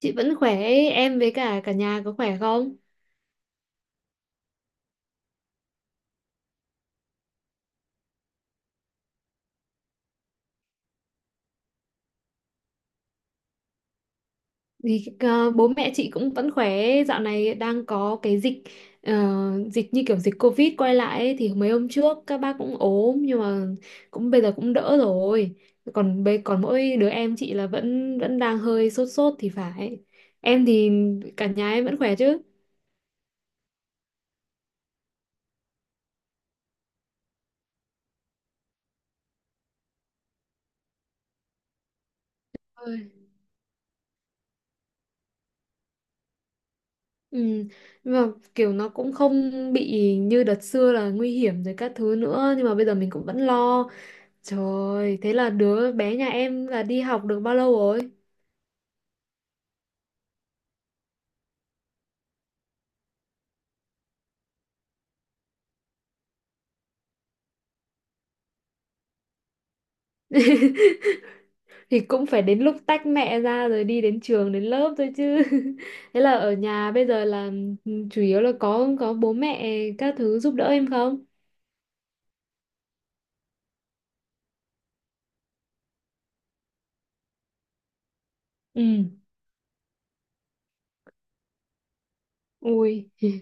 Chị vẫn khỏe, em với cả cả nhà có khỏe không? Thì, bố mẹ chị cũng vẫn khỏe, dạo này đang có cái ờ, dịch như kiểu dịch Covid quay lại ấy, thì mấy hôm trước các bác cũng ốm nhưng mà cũng bây giờ cũng đỡ rồi. Còn mỗi đứa em chị là vẫn vẫn đang hơi sốt sốt thì phải. Em thì cả nhà em vẫn khỏe chứ? Ôi. Ừ. Nhưng mà kiểu nó cũng không bị như đợt xưa là nguy hiểm rồi các thứ nữa, nhưng mà bây giờ mình cũng vẫn lo. Trời, thế là đứa bé nhà em là đi học được bao lâu rồi? Thì cũng phải đến lúc tách mẹ ra rồi đi đến trường đến lớp thôi chứ. Thế là ở nhà bây giờ là chủ yếu là có bố mẹ các thứ giúp đỡ em không? Ừ. Ui,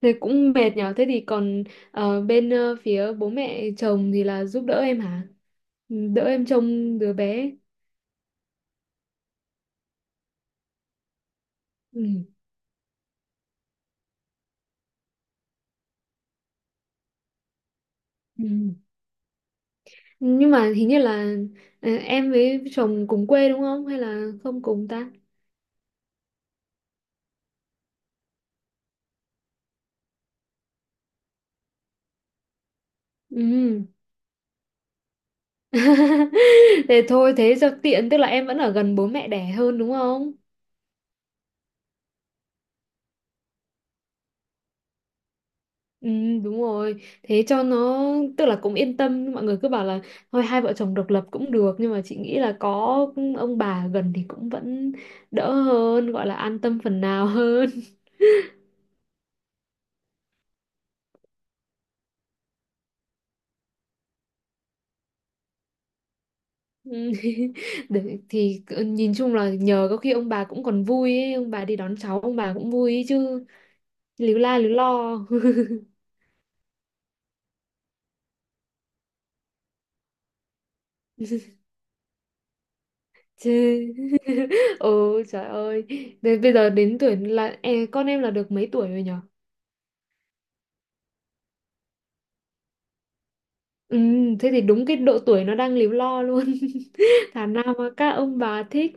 thế cũng mệt nhở. Thế thì còn bên phía bố mẹ chồng thì là giúp đỡ em hả? Ừ, đỡ em trông đứa bé. Ừ. Ừ. Nhưng mà hình như là em với chồng cùng quê đúng không, hay là không cùng ta? Ừ. Thế thôi, thế cho tiện, tức là em vẫn ở gần bố mẹ đẻ hơn đúng không? Ừ, đúng rồi, thế cho nó, tức là cũng yên tâm. Mọi người cứ bảo là thôi hai vợ chồng độc lập cũng được, nhưng mà chị nghĩ là có ông bà gần thì cũng vẫn đỡ hơn, gọi là an tâm phần nào hơn. Ừ. Để, nhìn chung là nhờ có khi ông bà cũng còn vui ấy, ông bà đi đón cháu ông bà cũng vui ấy chứ, líu la líu lo. chứ. Ừ, trời ơi. Thế bây giờ đến tuổi là con em là được mấy tuổi rồi nhở? Ừ, thế thì đúng cái độ tuổi nó đang líu lo luôn. Thà nào mà các ông bà thích.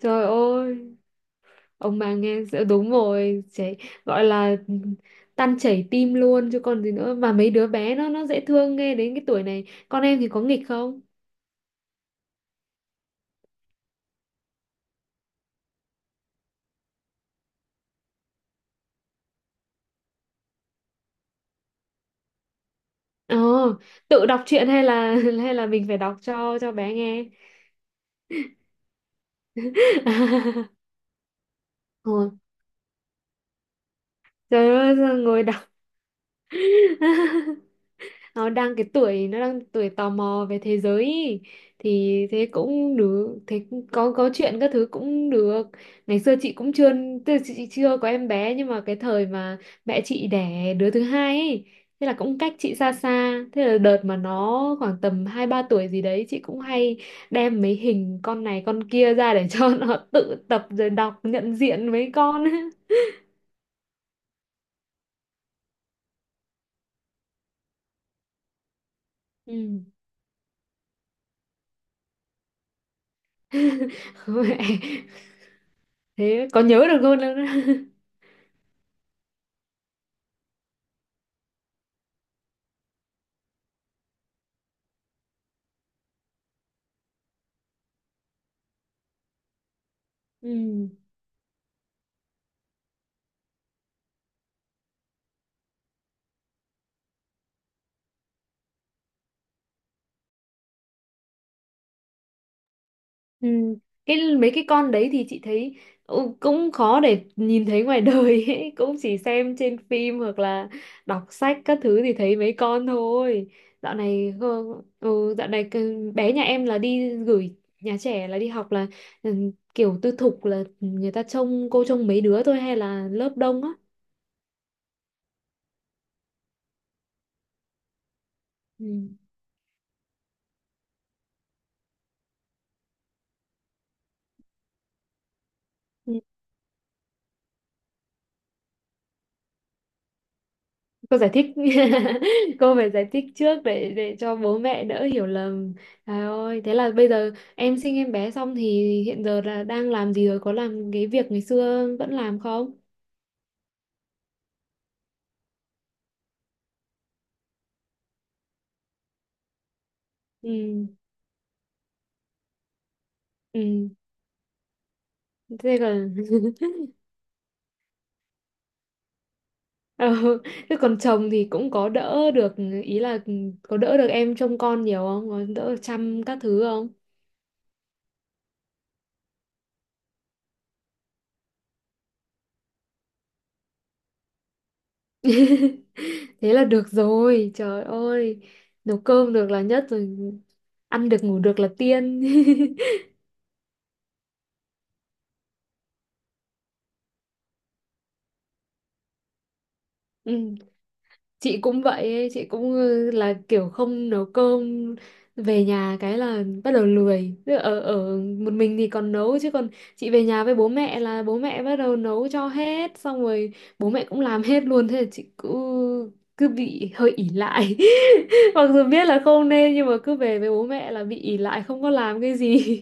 Trời ơi, ông bà nghe đúng rồi, trẻ gọi là tan chảy tim luôn chứ còn gì nữa, mà mấy đứa bé nó dễ thương nghe. Đến cái tuổi này con em thì có nghịch không? ờ Tự đọc truyện hay là hay là mình phải đọc cho bé nghe? Ờ. Trời ơi, sao ngồi đọc. Nó đang cái tuổi, nó đang tuổi tò mò về thế giới ý. Thì thế cũng được, thế cũng có chuyện các thứ cũng được. Ngày xưa chị cũng chưa, tức là chị chưa có em bé, nhưng mà cái thời mà mẹ chị đẻ đứa thứ hai ấy, thế là cũng cách chị xa xa, thế là đợt mà nó khoảng tầm hai ba tuổi gì đấy chị cũng hay đem mấy hình con này con kia ra để cho nó tự tập rồi đọc, nhận diện mấy con. Ừ. Mẹ Thế có nhớ được luôn đâu đó. Ừ. Ừ. Cái mấy cái con đấy thì chị thấy, ừ, cũng khó để nhìn thấy ngoài đời ấy. Cũng chỉ xem trên phim hoặc là đọc sách các thứ thì thấy mấy con thôi. Dạo này ừ, dạo này bé nhà em là đi gửi nhà trẻ, là đi học là ừ, kiểu tư thục, là người ta trông, cô trông mấy đứa thôi hay là lớp đông á? Ừ. Ừ. Cô giải thích cô phải giải thích trước để cho bố mẹ đỡ hiểu lầm. Trời ơi, thế là bây giờ em sinh em bé xong thì hiện giờ là đang làm gì rồi, có làm cái việc ngày xưa vẫn làm không? Ừ. Ừ, thế còn. Ừ. Thế còn chồng thì cũng có đỡ được, ý là có đỡ được em trông con nhiều không, có đỡ chăm các thứ không? Thế là được rồi, trời ơi, nấu cơm được là nhất rồi, ăn được ngủ được là tiên. Ừ. Chị cũng vậy ấy, chị cũng ừ, là kiểu không nấu cơm, về nhà cái là bắt đầu lười. Tức là ở ở một mình thì còn nấu, chứ còn chị về nhà với bố mẹ là bố mẹ bắt đầu nấu cho hết, xong rồi bố mẹ cũng làm hết luôn, thế là chị cứ cứ bị hơi ỷ lại. Mặc dù biết là không nên nhưng mà cứ về với bố mẹ là bị ỷ lại, không có làm cái gì.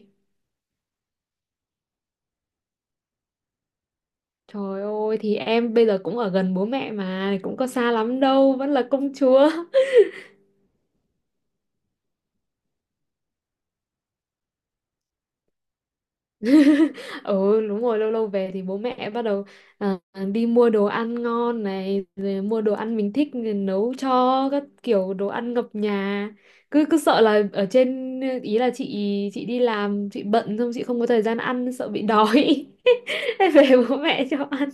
Trời ơi, thì em bây giờ cũng ở gần bố mẹ mà, cũng có xa lắm đâu, vẫn là công chúa. Ừ, đúng rồi, lâu lâu về thì bố mẹ bắt đầu, à, đi mua đồ ăn ngon này, rồi mua đồ ăn mình thích rồi nấu cho các kiểu, đồ ăn ngập nhà. Cứ cứ sợ là ở trên ý, là chị đi làm chị bận, xong chị không có thời gian ăn, sợ bị đói. Về bố mẹ cho ăn.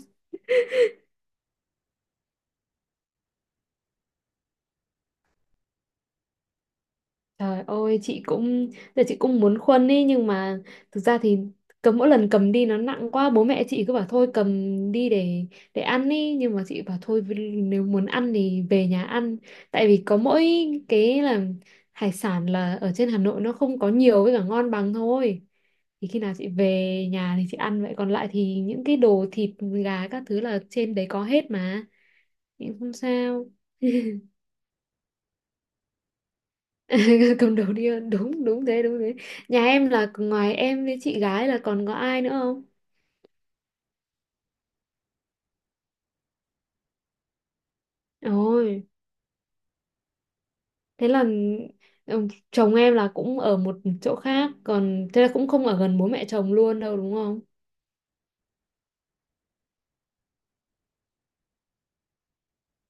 Trời ơi, chị cũng giờ chị cũng muốn khuân ý, nhưng mà thực ra thì cầm, mỗi lần cầm đi nó nặng quá, bố mẹ chị cứ bảo thôi cầm đi để ăn ý, nhưng mà chị bảo thôi, nếu muốn ăn thì về nhà ăn. Tại vì có mỗi cái là hải sản là ở trên Hà Nội nó không có nhiều với cả ngon bằng thôi, thì khi nào chị về nhà thì chị ăn vậy, còn lại thì những cái đồ thịt gà các thứ là trên đấy có hết mà. Thì không sao. Cầm đầu đi, đúng, đúng thế, đúng thế. Nhà em là ngoài em với chị gái là còn có ai nữa không? Ôi, thế là ừ, chồng em là cũng ở một chỗ khác, còn thế là cũng không ở gần bố mẹ chồng luôn đâu đúng không?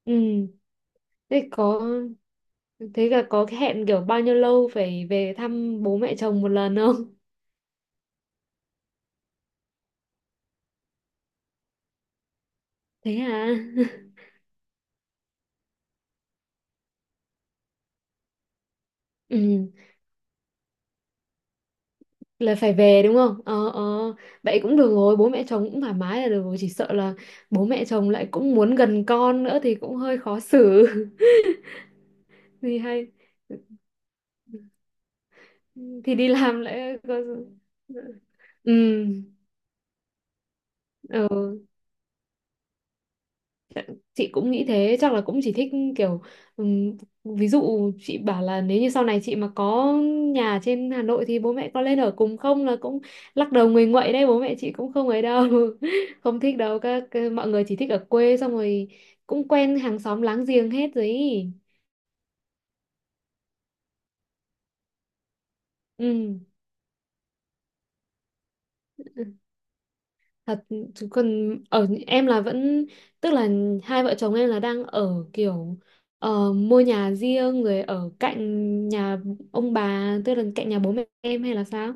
Ừ, thế có thế là có cái hẹn kiểu bao nhiêu lâu phải về thăm bố mẹ chồng một lần không? Thế à? Ừ, là phải về đúng không? Ờ, ờ, vậy cũng được rồi, bố mẹ chồng cũng thoải mái là được rồi, chỉ sợ là bố mẹ chồng lại cũng muốn gần con nữa thì cũng hơi khó xử. Thì hay, thì đi làm lại có. Ừ. Ừ. Chị cũng nghĩ thế, chắc là cũng chỉ thích kiểu, ừm, ví dụ chị bảo là nếu như sau này chị mà có nhà trên Hà Nội thì bố mẹ có lên ở cùng không là cũng lắc đầu nguầy nguậy đấy, bố mẹ chị cũng không ấy đâu. Không thích đâu, mọi người chỉ thích ở quê, xong rồi cũng quen hàng xóm láng giềng hết rồi ý. Ừ, thật. Chứ còn ở em là vẫn, tức là hai vợ chồng em là đang ở kiểu, ờ, mua nhà riêng rồi ở cạnh nhà ông bà, tức là cạnh nhà bố mẹ em hay là sao?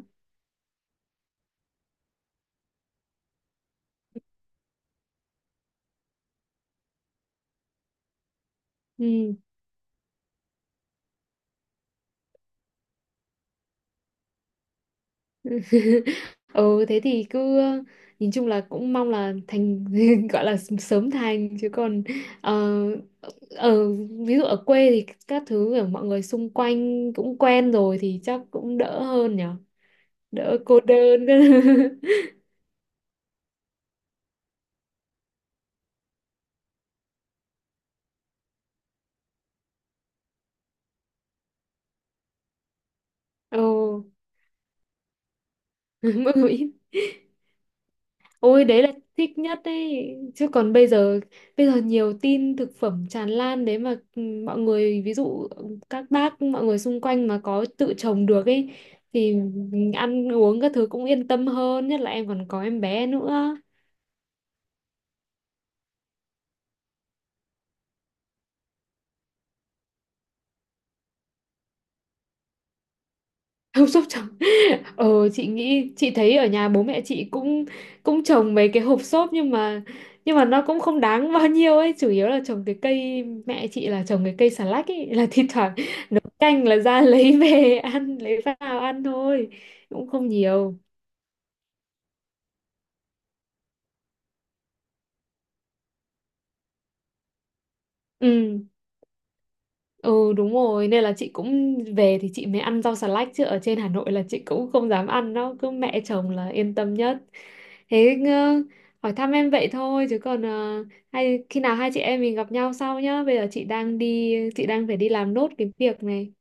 Ừ. Ừ, thế thì cứ nhìn chung là cũng mong là thành gọi là sớm thành, chứ còn ờ, ở ví dụ ở quê thì các thứ, ở mọi người xung quanh cũng quen rồi thì chắc cũng đỡ hơn nhở, đỡ cô đơn. Ồ. Mỗi người. Ôi, đấy là thích nhất đấy, chứ còn bây giờ nhiều tin thực phẩm tràn lan đấy mà, ừ, mọi người ví dụ các bác mọi người xung quanh mà có tự trồng được ấy thì mình ăn uống các thứ cũng yên tâm hơn, nhất là em còn có em bé nữa. Không sốc trồng. Ờ, chị nghĩ chị thấy ở nhà bố mẹ chị cũng cũng trồng mấy cái hộp xốp, nhưng mà nó cũng không đáng bao nhiêu ấy, chủ yếu là trồng cái cây, mẹ chị là trồng cái cây xà lách ấy, là thi thoảng nấu canh là ra lấy về ăn, lấy vào ăn thôi, cũng không nhiều. Ừ. Ừ, đúng rồi, nên là chị cũng về thì chị mới ăn rau xà lách, chứ ở trên Hà Nội là chị cũng không dám ăn nó, cứ mẹ chồng là yên tâm nhất. Thế, hỏi thăm em vậy thôi, chứ còn hay khi nào hai chị em mình gặp nhau sau nhá, bây giờ chị đang đi, chị đang phải đi làm nốt cái việc này.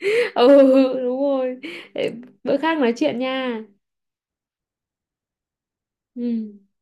Ừ, đúng rồi. Để bữa khác nói chuyện nha. Ừ.